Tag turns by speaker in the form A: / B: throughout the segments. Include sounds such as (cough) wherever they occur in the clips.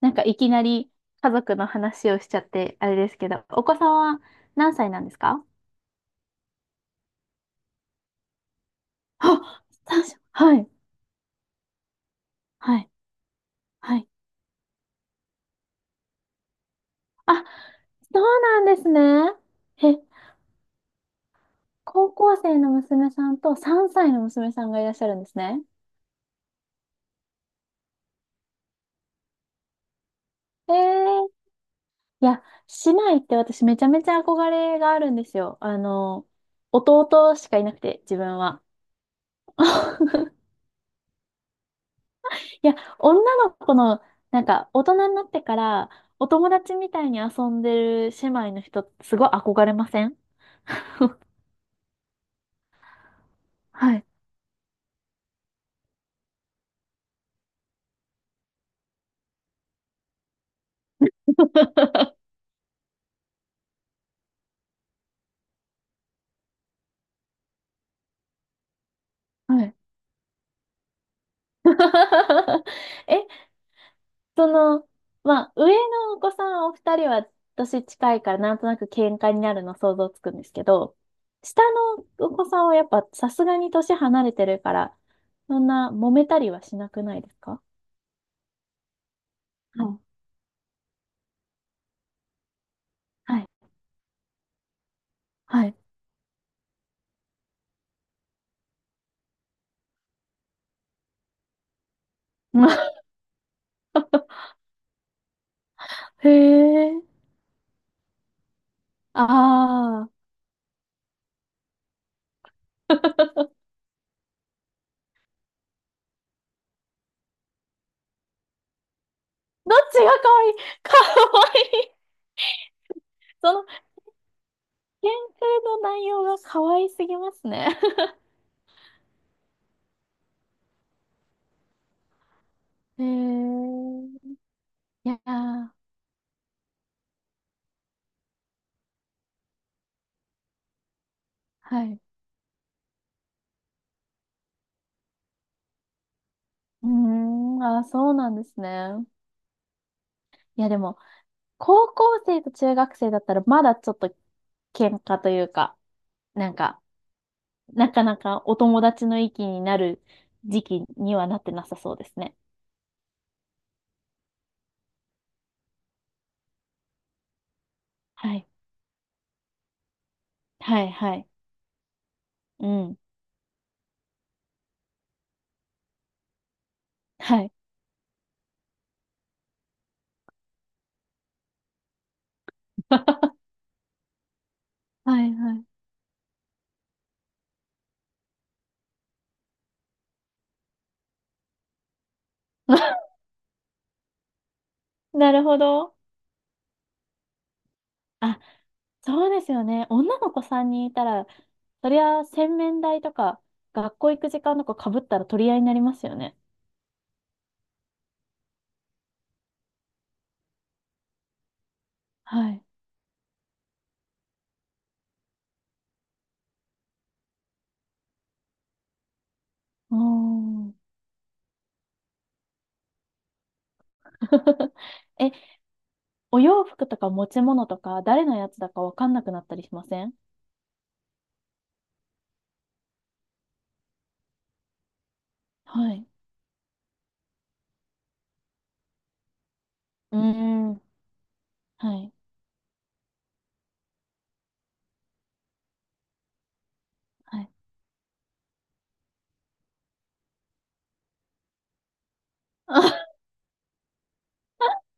A: なんかいきなり家族の話をしちゃって、あれですけど、お子さんは何歳なんですか？あ、三歳、はい、はい、はい。あ、そうなんですね。え、高校生の娘さんと3歳の娘さんがいらっしゃるんですね。えー、いや、姉妹って私めちゃめちゃ憧れがあるんですよ。弟しかいなくて、自分は。(laughs) いや、女の子の、なんか、大人になってから、お友達みたいに遊んでる姉妹の人、すごい憧れません？はい。(laughs) はい。(laughs) え、その、まあ、上のお子さんお二人は年近いからなんとなく喧嘩になるの想像つくんですけど、下のお子さんはやっぱさすがに年離れてるから、そんな揉めたりはしなくないですか？はい。はい。はい。(laughs) へえ。ああ。どっちが可愛い？ (laughs) 可愛い、その、研究の内容が可愛すぎますね。(laughs) えー、いやー、はい。うーん、あー、そうなんですね。いや、でも、高校生と中学生だったら、まだちょっと喧嘩というか、なんか、なかなかお友達の域になる時期にはなってなさそうですね。はい。はい、はい。うん。はい。(laughs) はい、はい。(laughs) なるほど。あ、そうですよね。女の子さんに人いたら、そりゃ洗面台とか学校行く時間とか被ったら取り合いになりますよね。はい。うーん。(laughs) え、お洋服とか持ち物とか誰のやつだかわかんなくなったりしません？はい。うーん。はい。はい。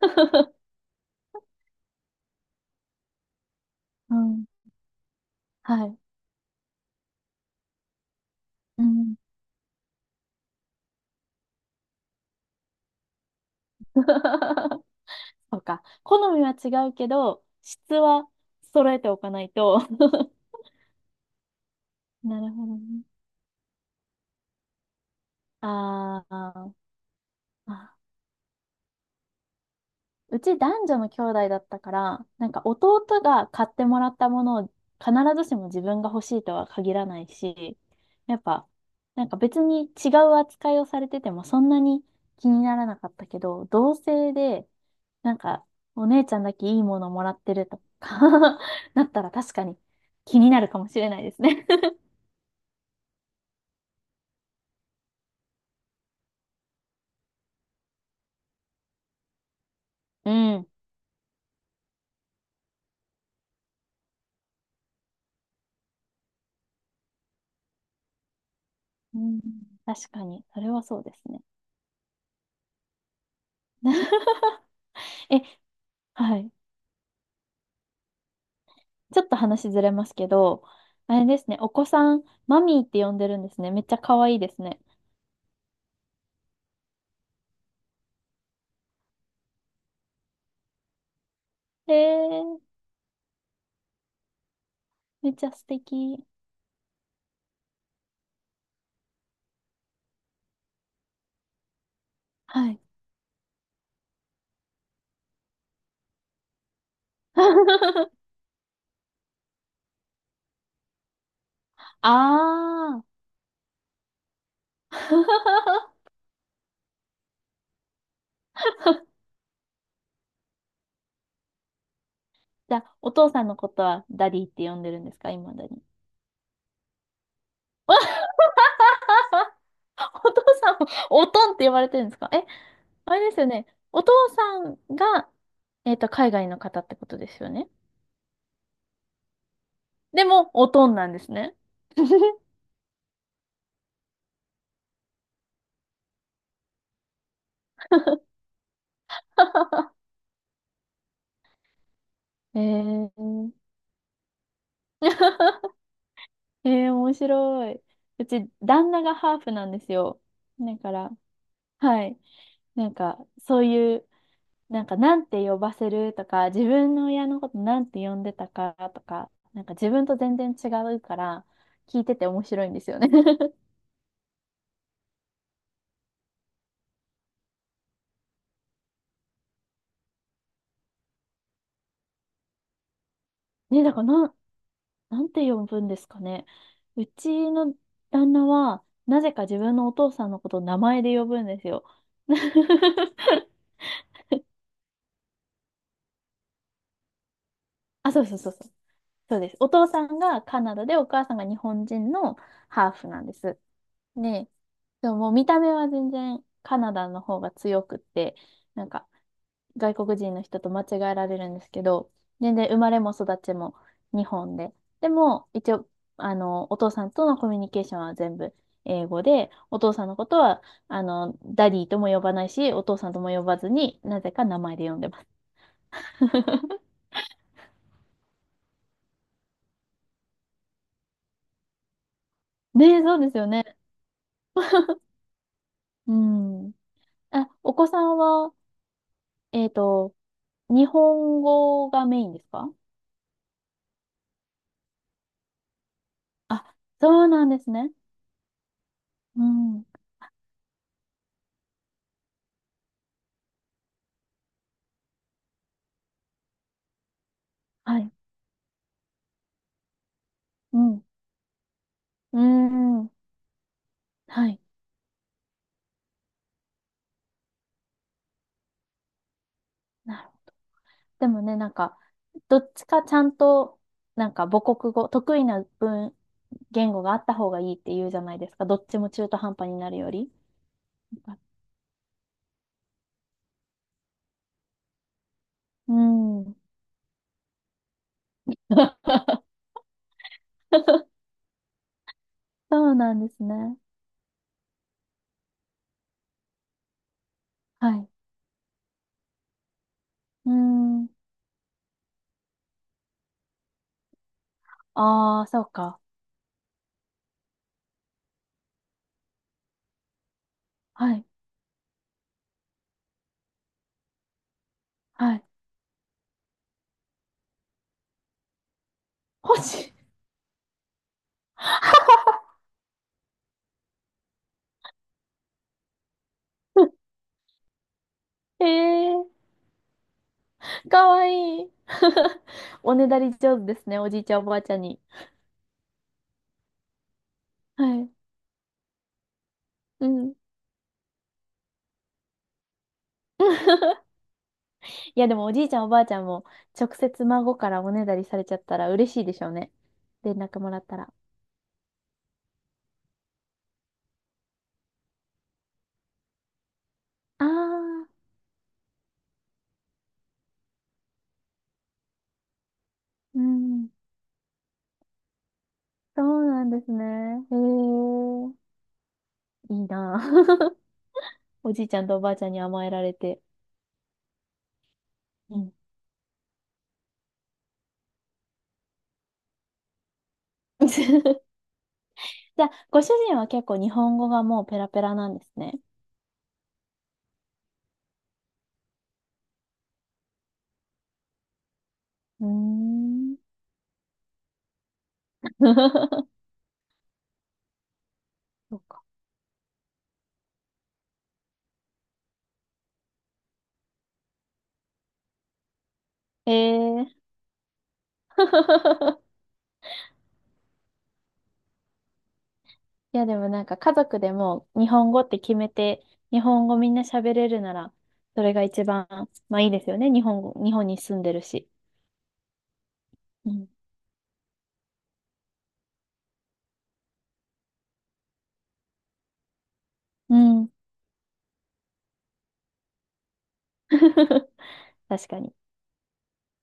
A: (laughs) うん。はい。うん。(laughs) そうか。好みは違うけど、質は揃えておかないと。 (laughs) なるほどね。あーあー。うち男女の兄弟だったから、なんか弟が買ってもらったものを必ずしも自分が欲しいとは限らないし、やっぱ、なんか別に違う扱いをされててもそんなに気にならなかったけど、同性で、なんかお姉ちゃんだけいいものもらってるとか (laughs) なったら確かに気になるかもしれないですね。うん。うん。確かに、それはそうですね。(laughs) え、はい。ちょっと話ずれますけど、あれですね、お子さん、マミーって呼んでるんですね。めっちゃ可愛いですね。えー、めっちゃ素敵。はい。(laughs) あー。(laughs) じゃあ、お父さんのことはダディって呼んでるんですか、いまだに。(laughs) お父さんも、おとんって呼ばれてるんですか？え、あれですよね。お父さんが、海外の方ってことですよね。でも、おとんなんですね。(laughs) えー。(laughs) えー、面白い。うち、旦那がハーフなんですよ。だから、はい。なんか、そういう、なんか、なんて呼ばせるとか、自分の親のことなんて呼んでたかとか、なんか自分と全然違うから、聞いてて面白いんですよね。(laughs) ね、だからなん、なんて呼ぶんですかね。うちの旦那は、なぜか自分のお父さんのことを名前で呼ぶんですよ。(laughs) あ、そうそうそうそう。そうです。お父さんがカナダで、お母さんが日本人のハーフなんです。ね、でももう見た目は全然カナダの方が強くって、なんか外国人の人と間違えられるんですけど、全然生まれも育ちも日本で。でも、一応、お父さんとのコミュニケーションは全部英語で、お父さんのことは、ダディとも呼ばないし、お父さんとも呼ばずになぜか名前で呼んでます。ねえ、そうですよね。うん。あ、お子さんは、えっと、日本語がメインですか？あ、そうなんですね。うん。はい。うん。うーん。はい。なるほど。でもね、なんか、どっちかちゃんと、なんか母国語、得意な文、言語があった方がいいって言うじゃないですか。どっちも中途半端になるより。うん。(laughs) そうなんですね。はい。うーん。ああ、そうか。はい。はい。欲しい。(laughs) ええ、かわいい。(laughs) おねだり上手ですね、おじいちゃん、おばあちゃんに。はい。うん。(laughs) いや、でもおじいちゃん、おばあちゃんも直接孫からおねだりされちゃったら嬉しいでしょうね。連絡もらったら。ああ、うん。そうなんですね。へえ、いいなあ。(laughs) おじいちゃんとおばあちゃんに甘えられて。うん。(laughs) じゃあ、ご主人は結構日本語がもうペラペラなんですね。うーん。(laughs) そうか。ええ。 (laughs) いや、でもなんか家族でも日本語って決めて、日本語みんな喋れるなら、それが一番、まあいいですよね。日本語、日本に住んでるし。うん。うん。(laughs) 確かに。